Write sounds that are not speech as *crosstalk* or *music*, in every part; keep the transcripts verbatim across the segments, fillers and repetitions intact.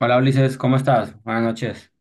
Hola Ulises, ¿cómo estás? Buenas noches.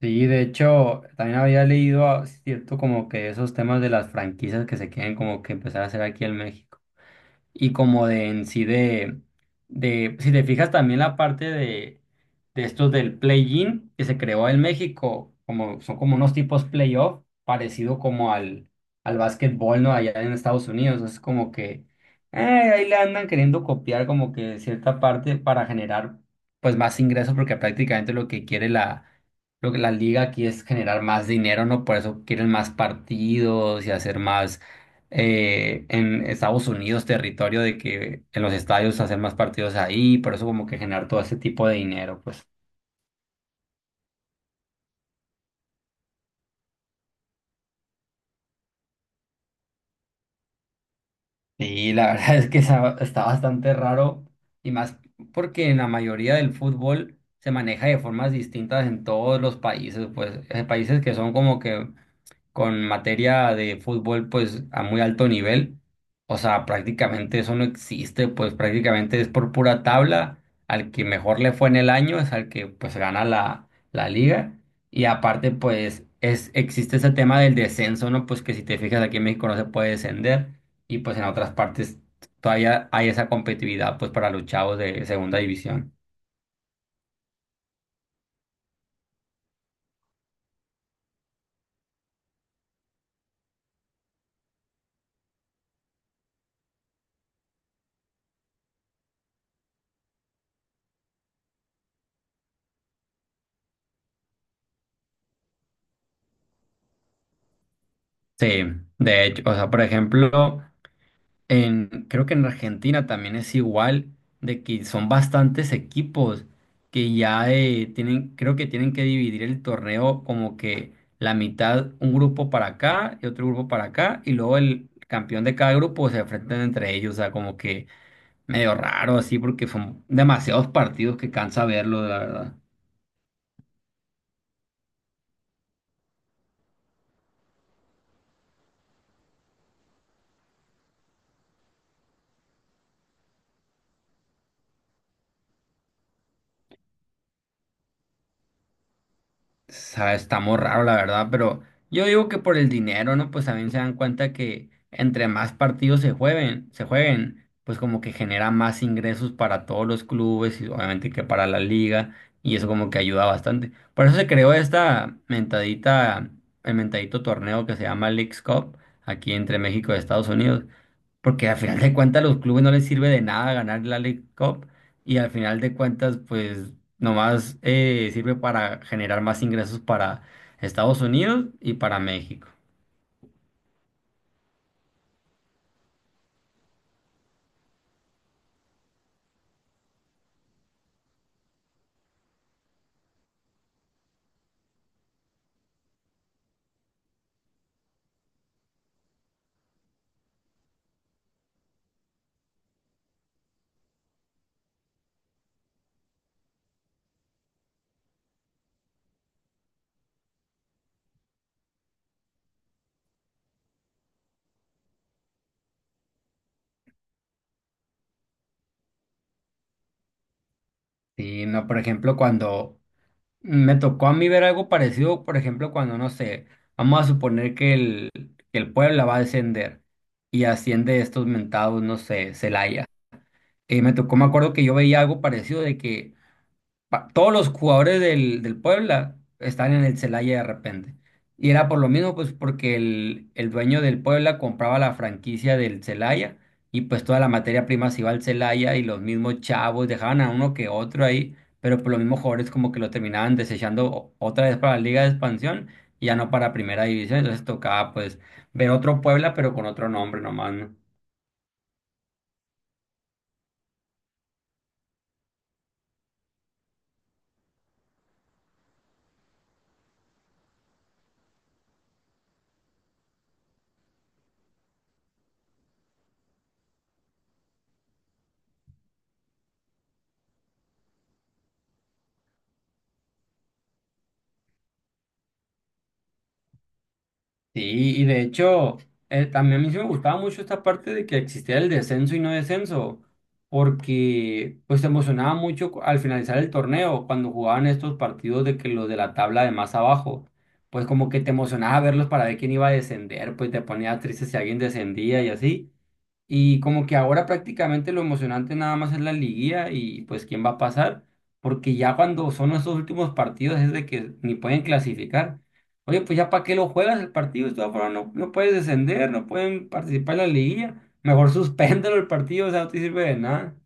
Sí, de hecho, también había leído, ah, cierto, como que esos temas de las franquicias que se quieren como que empezar a hacer aquí en México. Y como de en sí de, de si te fijas también la parte de, de estos del play-in que se creó en México, como son como unos tipos playoff parecido como al, al básquetbol, ¿no? Allá en Estados Unidos, es como que eh, ahí le andan queriendo copiar como que cierta parte para generar pues más ingresos porque prácticamente lo que quiere la lo que la liga aquí es generar más dinero, ¿no? Por eso quieren más partidos y hacer más eh, en Estados Unidos territorio de que en los estadios hacer más partidos ahí, por eso como que generar todo ese tipo de dinero, pues. Y la *laughs* verdad es que esa- está bastante raro y más porque en la mayoría del fútbol se maneja de formas distintas en todos los países, pues hay países que son como que con materia de fútbol pues a muy alto nivel. O sea, prácticamente eso no existe, pues prácticamente es por pura tabla. Al que mejor le fue en el año es al que pues gana la, la liga. Y aparte pues es, existe ese tema del descenso, ¿no? Pues que si te fijas aquí en México no se puede descender y pues en otras partes todavía hay esa competitividad pues para los chavos de segunda división. Sí, de hecho, o sea, por ejemplo... En, creo que en Argentina también es igual, de que son bastantes equipos que ya eh, tienen, creo que tienen que dividir el torneo como que la mitad, un grupo para acá y otro grupo para acá, y luego el campeón de cada grupo se enfrentan entre ellos, o sea, como que medio raro así, porque son demasiados partidos que cansa verlo, la verdad. Sa- Está muy raro, la verdad, pero yo digo que por el dinero, ¿no? Pues también se dan cuenta que entre más partidos se jueguen, se jueguen, pues como que genera más ingresos para todos los clubes y obviamente que para la liga, y eso como que ayuda bastante. Por eso se creó esta mentadita, el mentadito torneo que se llama Leagues Cup, aquí entre México y Estados Unidos, porque al final de cuentas los clubes no les sirve de nada ganar la League Cup y al final de cuentas pues nomás eh, sirve para generar más ingresos para Estados Unidos y para México. Y no, por ejemplo, cuando me tocó a mí ver algo parecido, por ejemplo, cuando no sé, vamos a suponer que el, que el Puebla va a descender y asciende estos mentados, no sé, Celaya. Eh, me tocó, me acuerdo que yo veía algo parecido de que pa- todos los jugadores del, del Puebla están en el Celaya de repente. Y era por lo mismo, pues porque el, el dueño del Puebla compraba la franquicia del Celaya y pues toda la materia prima se iba al Celaya y los mismos chavos dejaban a uno que otro ahí, pero por los mismos jugadores como que lo terminaban desechando o- otra vez para la Liga de Expansión y ya no para Primera División. Entonces tocaba pues ver otro Puebla pero con otro nombre nomás, ¿no? Sí, y de hecho, eh, también a mí sí me gustaba mucho esta parte de que existía el descenso y no descenso, porque pues se emocionaba mucho cu- al finalizar el torneo, cuando jugaban estos partidos de que los de la tabla de más abajo, pues como que te emocionaba verlos para ver quién iba a descender, pues te ponías triste si alguien descendía y así. Y como que ahora prácticamente lo emocionante nada más es la liguilla y pues quién va a pasar, porque ya cuando son esos últimos partidos es de que ni pueden clasificar. Oye, pues ya para qué lo juegas el partido, de todas formas no, no puedes descender, no pueden participar en la liguilla, mejor *laughs* suspéndelo el partido, o sea, no te sirve de nada.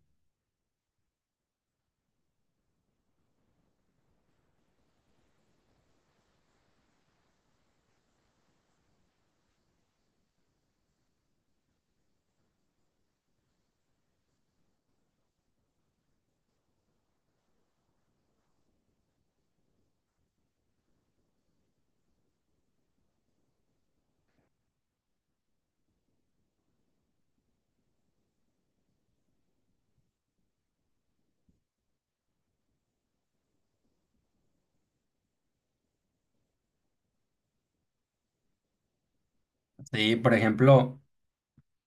Sí, por ejemplo,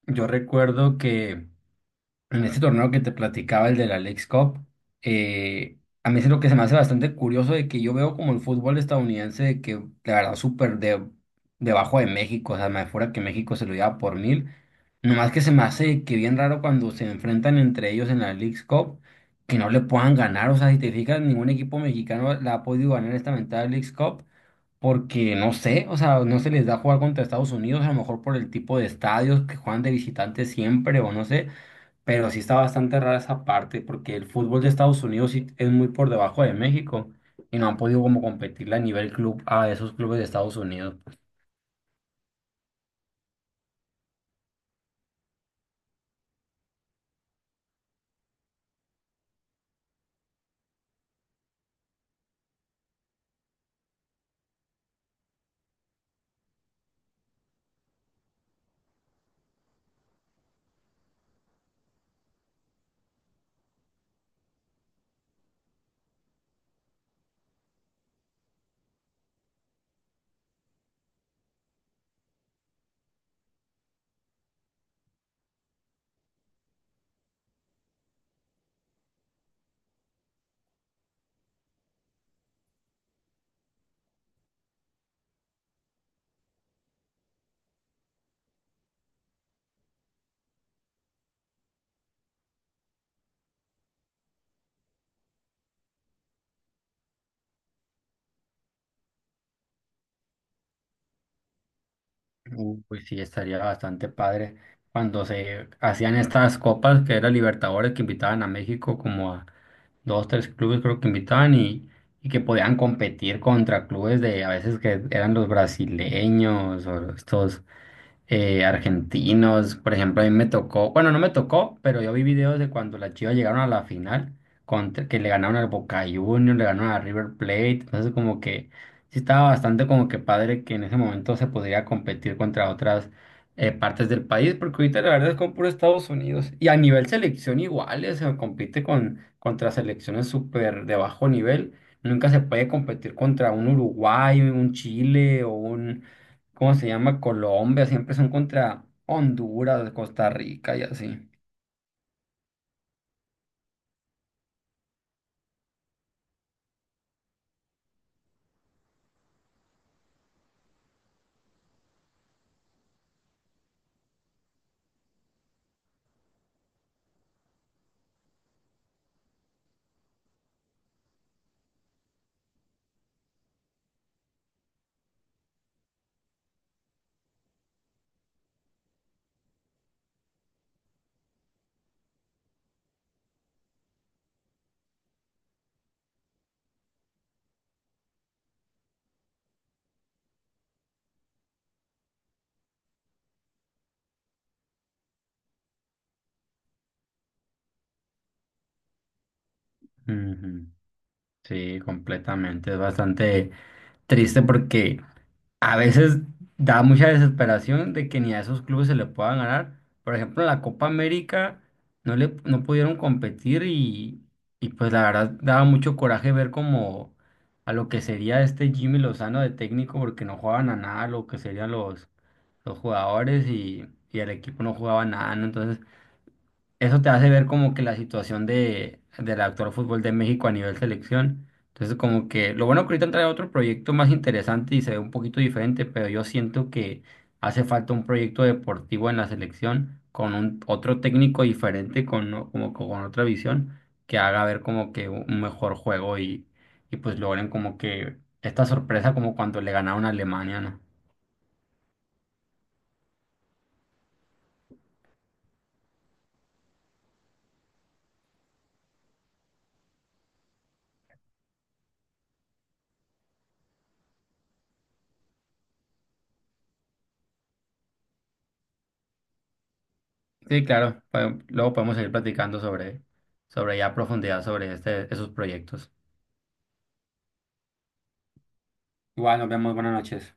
yo recuerdo que en ese torneo que te platicaba, el de la Leagues Cup, eh, a mí es lo que se me hace bastante curioso de que yo veo como el fútbol estadounidense de que la verdad súper de, debajo de México, o sea, me fuera que México se lo lleva por mil, nomás que se me hace que bien raro cuando se enfrentan entre ellos en la Leagues Cup, que no le puedan ganar, o sea, si te fijas, ningún equipo mexicano la ha podido ganar esta mentada Leagues Cup, porque no sé, o sea, no se les da jugar contra Estados Unidos, a lo mejor por el tipo de estadios que juegan de visitantes siempre, o no sé. Pero sí está bastante rara esa parte porque el fútbol de Estados Unidos sí es muy por debajo de México y no han podido como competirle a nivel club a esos clubes de Estados Unidos. Uh, Pues sí, estaría bastante padre cuando se hacían estas copas que era Libertadores que invitaban a México como a dos, tres clubes creo que invitaban y, y que podían competir contra clubes de a veces que eran los brasileños o estos eh, argentinos. Por ejemplo, a mí me tocó, bueno, no me tocó, pero yo vi videos de cuando las Chivas llegaron a la final, contra- que le ganaron al Boca Juniors, le ganaron a River Plate. Entonces, como que sí estaba bastante como que padre que en ese momento se podría competir contra otras eh, partes del país, porque ahorita la verdad es como puro Estados Unidos. Y a nivel selección igual, eh, se compite con, contra selecciones súper de bajo nivel. Nunca se puede competir contra un Uruguay, un Chile o un ¿cómo se llama? Colombia, siempre son contra Honduras, Costa Rica y así. Ujú. Sí, completamente. Es bastante triste porque a veces da mucha desesperación de que ni a esos clubes se le pueda ganar. Por ejemplo, en la Copa América no le no pudieron competir y, y pues la verdad daba mucho coraje ver como a lo que sería este Jimmy Lozano de técnico porque no jugaban a nada, lo que serían los, los jugadores y, y el equipo no jugaba nada, ¿no? Entonces eso te hace ver como que la situación de, del actual fútbol de México a nivel selección. Entonces, como que lo bueno que ahorita trae otro proyecto más interesante y se ve un poquito diferente, pero yo siento que hace falta un proyecto deportivo en la selección con un, otro técnico diferente, con, o- como, que con otra visión, que haga ver como que un mejor juego y, y pues logren como que esta sorpresa como cuando le ganaron a Alemania, ¿no? Sí, claro, pa- luego podemos seguir platicando sobre, sobre ya a profundidad sobre este, esos proyectos. Igual, nos vemos, buenas noches.